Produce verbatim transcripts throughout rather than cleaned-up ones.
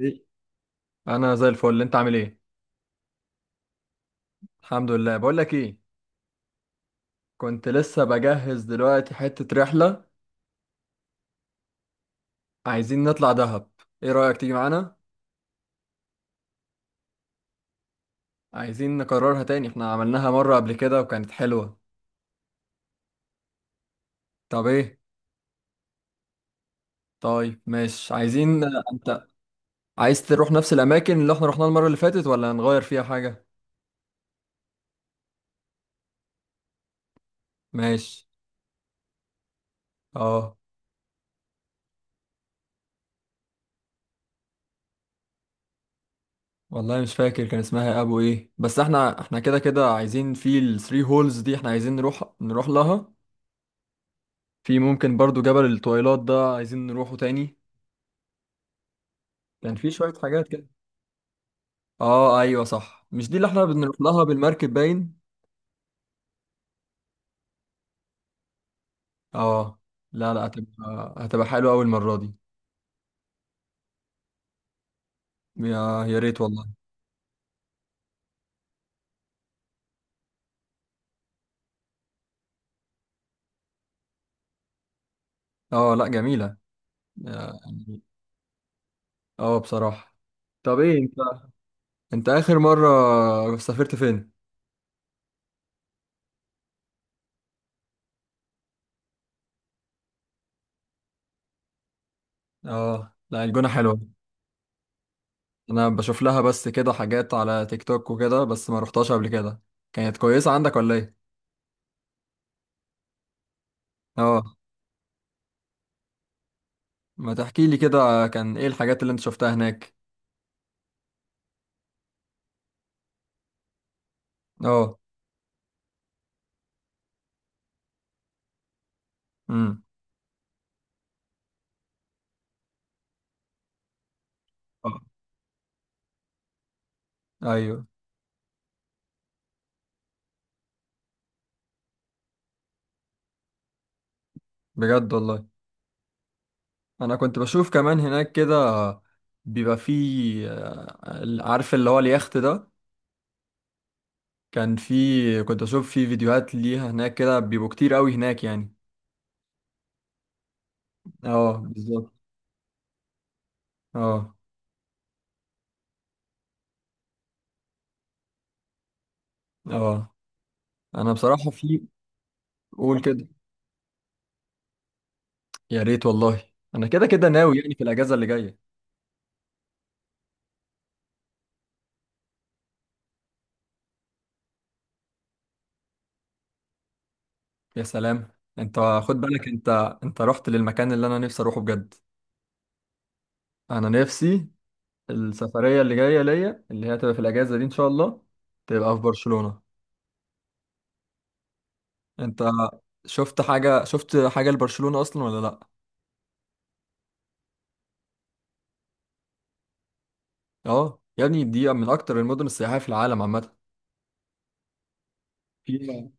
إيه؟ انا زي الفل، انت عامل ايه؟ الحمد لله. بقول لك ايه، كنت لسه بجهز دلوقتي حتة رحلة. عايزين نطلع دهب، ايه رأيك تيجي معانا؟ عايزين نكررها تاني، احنا عملناها مرة قبل كده وكانت حلوة. طب ايه؟ طيب ماشي، عايزين انت عايز تروح نفس الاماكن اللي احنا رحناها المرة اللي فاتت، ولا نغير فيها حاجة؟ ماشي. اه. والله مش فاكر كان اسمها ابو ايه، بس احنا احنا كده كده عايزين في الثري هولز دي، احنا عايزين نروح نروح لها. في ممكن برضو جبل التويلات ده عايزين نروحه تاني. كان في شوية حاجات كده. اه ايوه صح، مش دي اللي احنا بنروح لها بالمركب باين. اه لا لا، هتبقى هتبقى حلوة أوي المرة دي. يا يا ريت والله. اه لا جميلة يعني. اه بصراحة. طب ايه انت، انت آخر مرة سافرت فين؟ اه لا الجونة حلوة. انا بشوف لها بس كده حاجات على تيك توك وكده، بس ما رحتهاش قبل كده. كانت كويسة عندك ولا ايه؟ اه. ما تحكي لي كده كان ايه الحاجات اللي انت شفتها هناك. اه. امم. آه. ايوه. بجد والله. انا كنت بشوف كمان هناك كده، بيبقى فيه آه، عارف اللي هو اليخت ده. كان فيه، كنت اشوف فيه فيديوهات ليها هناك، كده بيبقوا كتير قوي هناك يعني. اه بالظبط. اه. اه. انا بصراحة في. قول كده. يا ريت والله، انا كده كده ناوي يعني في الاجازة اللي جاية. يا سلام. انت خد بالك انت، انت رحت للمكان اللي انا نفسي اروحه بجد. انا نفسي. السفرية اللي جاية ليا، اللي هي هتبقى في الأجازة دي إن شاء الله، تبقى في برشلونة. أنت شفت حاجة، شفت حاجة لبرشلونة أصلا ولا لأ؟ أه يا ابني، دي من أكتر المدن السياحية في العالم عامة. فيها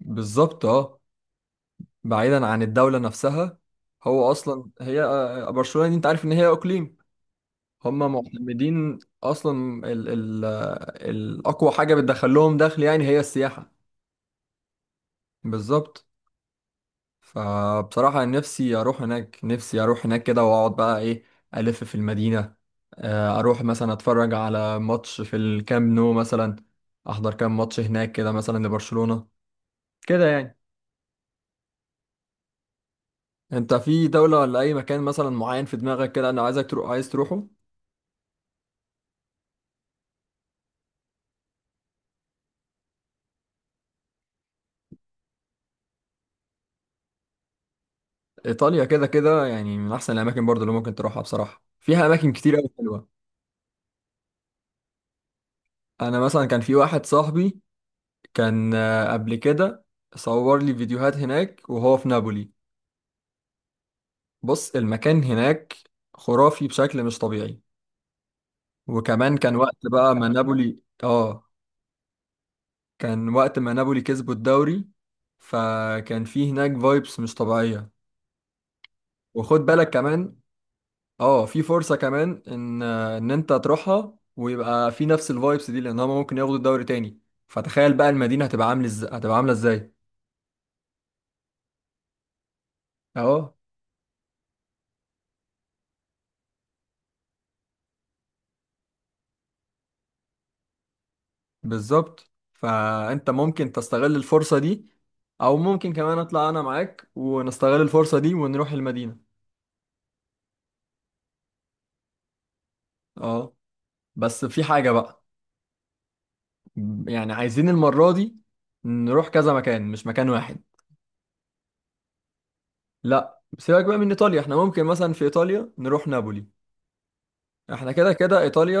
بالظبط أه. بعيدا عن الدولة نفسها، هو أصلا هي آه، آه، برشلونة دي أنت عارف إن هي إقليم. هما معتمدين أصلا ال ال آه، الأقوى حاجة بتدخل لهم دخل يعني هي السياحة. بالظبط. فبصراحة نفسي أروح هناك، نفسي أروح هناك كده وأقعد بقى إيه، ألف في المدينة. آه، أروح مثلا أتفرج على ماتش في الكامب نو مثلا، أحضر كام ماتش هناك كده مثلا لبرشلونة، كده يعني. أنت في دولة ولا أي مكان مثلا معين في دماغك كده أنا عايزك تروح، عايز تروحه؟ إيطاليا كده كده يعني من أحسن الأماكن برضه اللي ممكن تروحها. بصراحة فيها أماكن كتير أوي حلوة. أنا مثلا كان في واحد صاحبي، كان آه، قبل كده صور لي فيديوهات هناك وهو في نابولي. بص المكان هناك خرافي بشكل مش طبيعي. وكمان كان وقت بقى ما كمان نابولي، اه، كان وقت ما نابولي كسبوا الدوري، فكان في هناك فايبس مش طبيعية. وخد بالك كمان، اه، في فرصة كمان ان ان انت تروحها ويبقى في نفس الفايبس دي، لان هما ممكن ياخدوا الدوري تاني. فتخيل بقى المدينة هتبقى عامل ازاي، هتبقى عاملة ازاي. اه بالظبط. فانت ممكن تستغل الفرصة دي، او ممكن كمان اطلع انا معاك ونستغل الفرصة دي ونروح المدينة. اه. بس في حاجة بقى، م- يعني عايزين المرة دي نروح كذا مكان، مش مكان واحد. لا سيبك بقى من ايطاليا، احنا ممكن مثلا في ايطاليا نروح نابولي، احنا كده كده ايطاليا.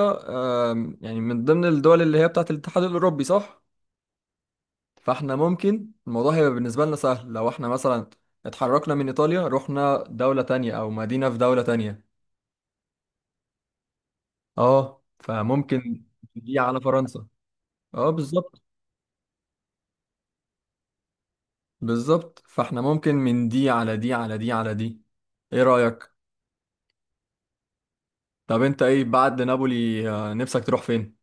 آم، يعني من ضمن الدول اللي هي بتاعت الاتحاد الاوروبي صح؟ فاحنا ممكن الموضوع هيبقى بالنسبة لنا سهل لو احنا مثلا اتحركنا من ايطاليا رحنا دولة تانية او مدينة في دولة تانية. اه فممكن. دي على فرنسا. اه بالظبط. بالظبط. فاحنا ممكن من دي على دي على دي على دي. ايه رأيك؟ طب انت ايه بعد نابولي آه، نفسك تروح فين؟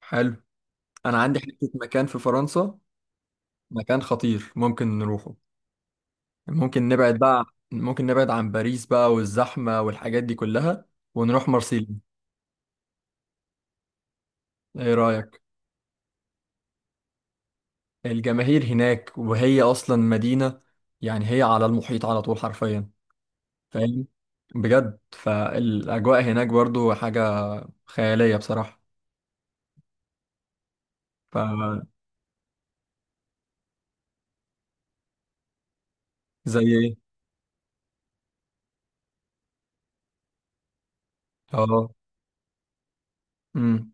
حلو. انا عندي حتة مكان في فرنسا، مكان خطير ممكن نروحه. ممكن نبعد بقى، ممكن نبعد عن باريس بقى والزحمة والحاجات دي كلها، ونروح مارسيليا. ايه رأيك؟ الجماهير هناك، وهي اصلا مدينة يعني هي على المحيط على طول حرفيا، فاهم؟ بجد، فالاجواء هناك برضو حاجة خيالية بصراحة. زي ايه؟ اه. امم.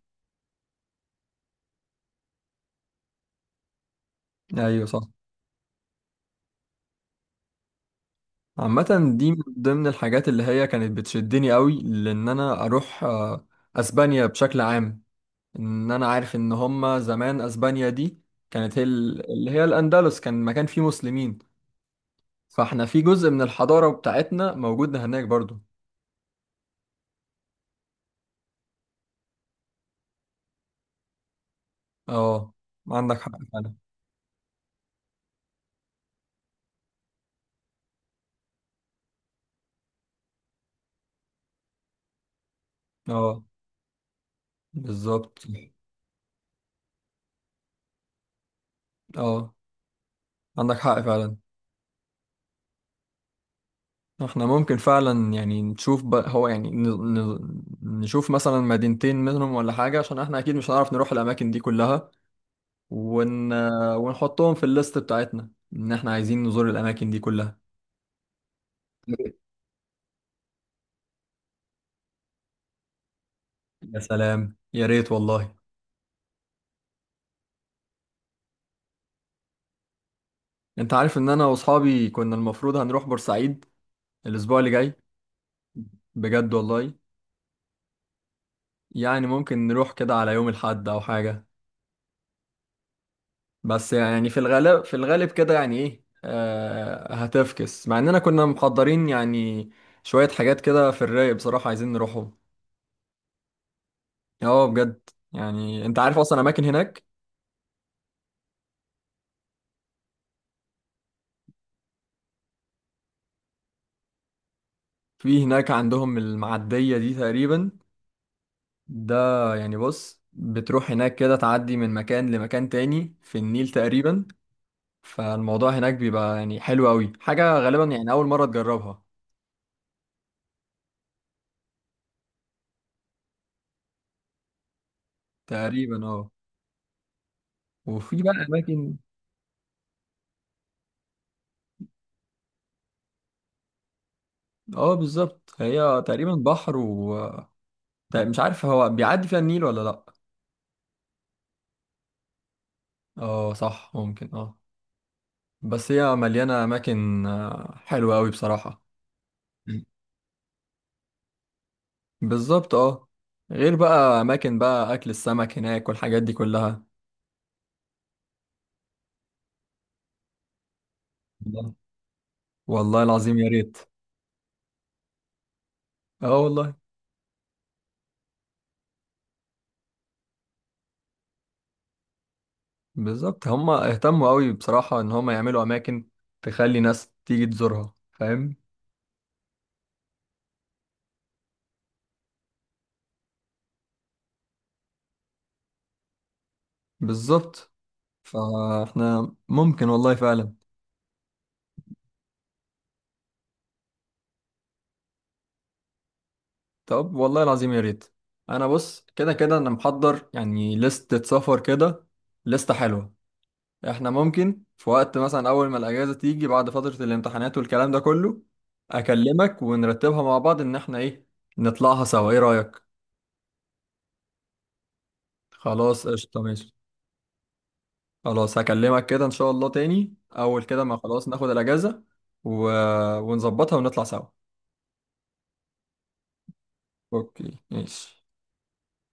ايوه صح. عامة دي من ضمن الحاجات اللي هي كانت بتشدني قوي لان انا اروح آه، اسبانيا بشكل عام. ان انا عارف ان هما زمان اسبانيا دي كانت هي ال- اللي هي الاندلس، كان مكان فيه مسلمين. فاحنا في جزء من الحضارة بتاعتنا موجود هناك برضو. اه عندك حق فعلا. اه بالظبط. اه عندك حق فعلا. احنا ممكن فعلا يعني نشوف بقى هو يعني ن... ن... نشوف مثلا مدينتين منهم ولا حاجة، عشان احنا اكيد مش هنعرف نروح الاماكن دي كلها. ون... ونحطهم في الليست بتاعتنا ان احنا عايزين نزور الاماكن دي كلها. يا سلام يا ريت والله. انت عارف ان انا واصحابي كنا المفروض هنروح بورسعيد الاسبوع اللي جاي؟ بجد والله. يعني ممكن نروح كده على يوم الاحد او حاجة. بس يعني في الغالب، في الغالب كده يعني ايه آه هتفكس، مع اننا كنا مقدرين يعني شوية حاجات كده في الرايق بصراحة عايزين نروحهم. اه بجد. يعني انت عارف اصلا اماكن هناك؟ في هناك عندهم المعدية دي تقريبا، ده يعني بص، بتروح هناك كده تعدي من مكان لمكان تاني في النيل تقريبا. فالموضوع هناك بيبقى يعني حلو قوي، حاجة غالبا يعني اول مرة تجربها. تقريبا اه. وفي بقى اماكن. اه بالظبط، هي تقريبا بحر و... طيب مش عارف هو بيعدي فيها النيل ولا لأ. اه صح، ممكن اه. بس هي مليانة أماكن آه، حلوة أوي بصراحة. مم. بالظبط اه. غير بقى أماكن بقى أكل السمك هناك والحاجات دي كلها. والله. والله العظيم يا ريت. اه والله. بالظبط، هما اهتموا أوي بصراحة إن هما يعملوا أماكن تخلي ناس تيجي تزورها، فاهم؟ بالظبط. فاحنا ممكن والله فعلا. طب والله العظيم يا ريت. انا بص كده كده انا محضر يعني لستة سفر كده، لستة حلوة. احنا ممكن في وقت مثلا اول ما الاجازة تيجي بعد فترة الامتحانات والكلام ده كله، اكلمك ونرتبها مع بعض ان احنا ايه، نطلعها سوا. ايه رأيك؟ خلاص قشطة ماشي. خلاص هكلمك كده ان شاء الله تاني اول كده ما خلاص ناخد الاجازة و... ونظبطها ونطلع سوا. اوكي ماشي.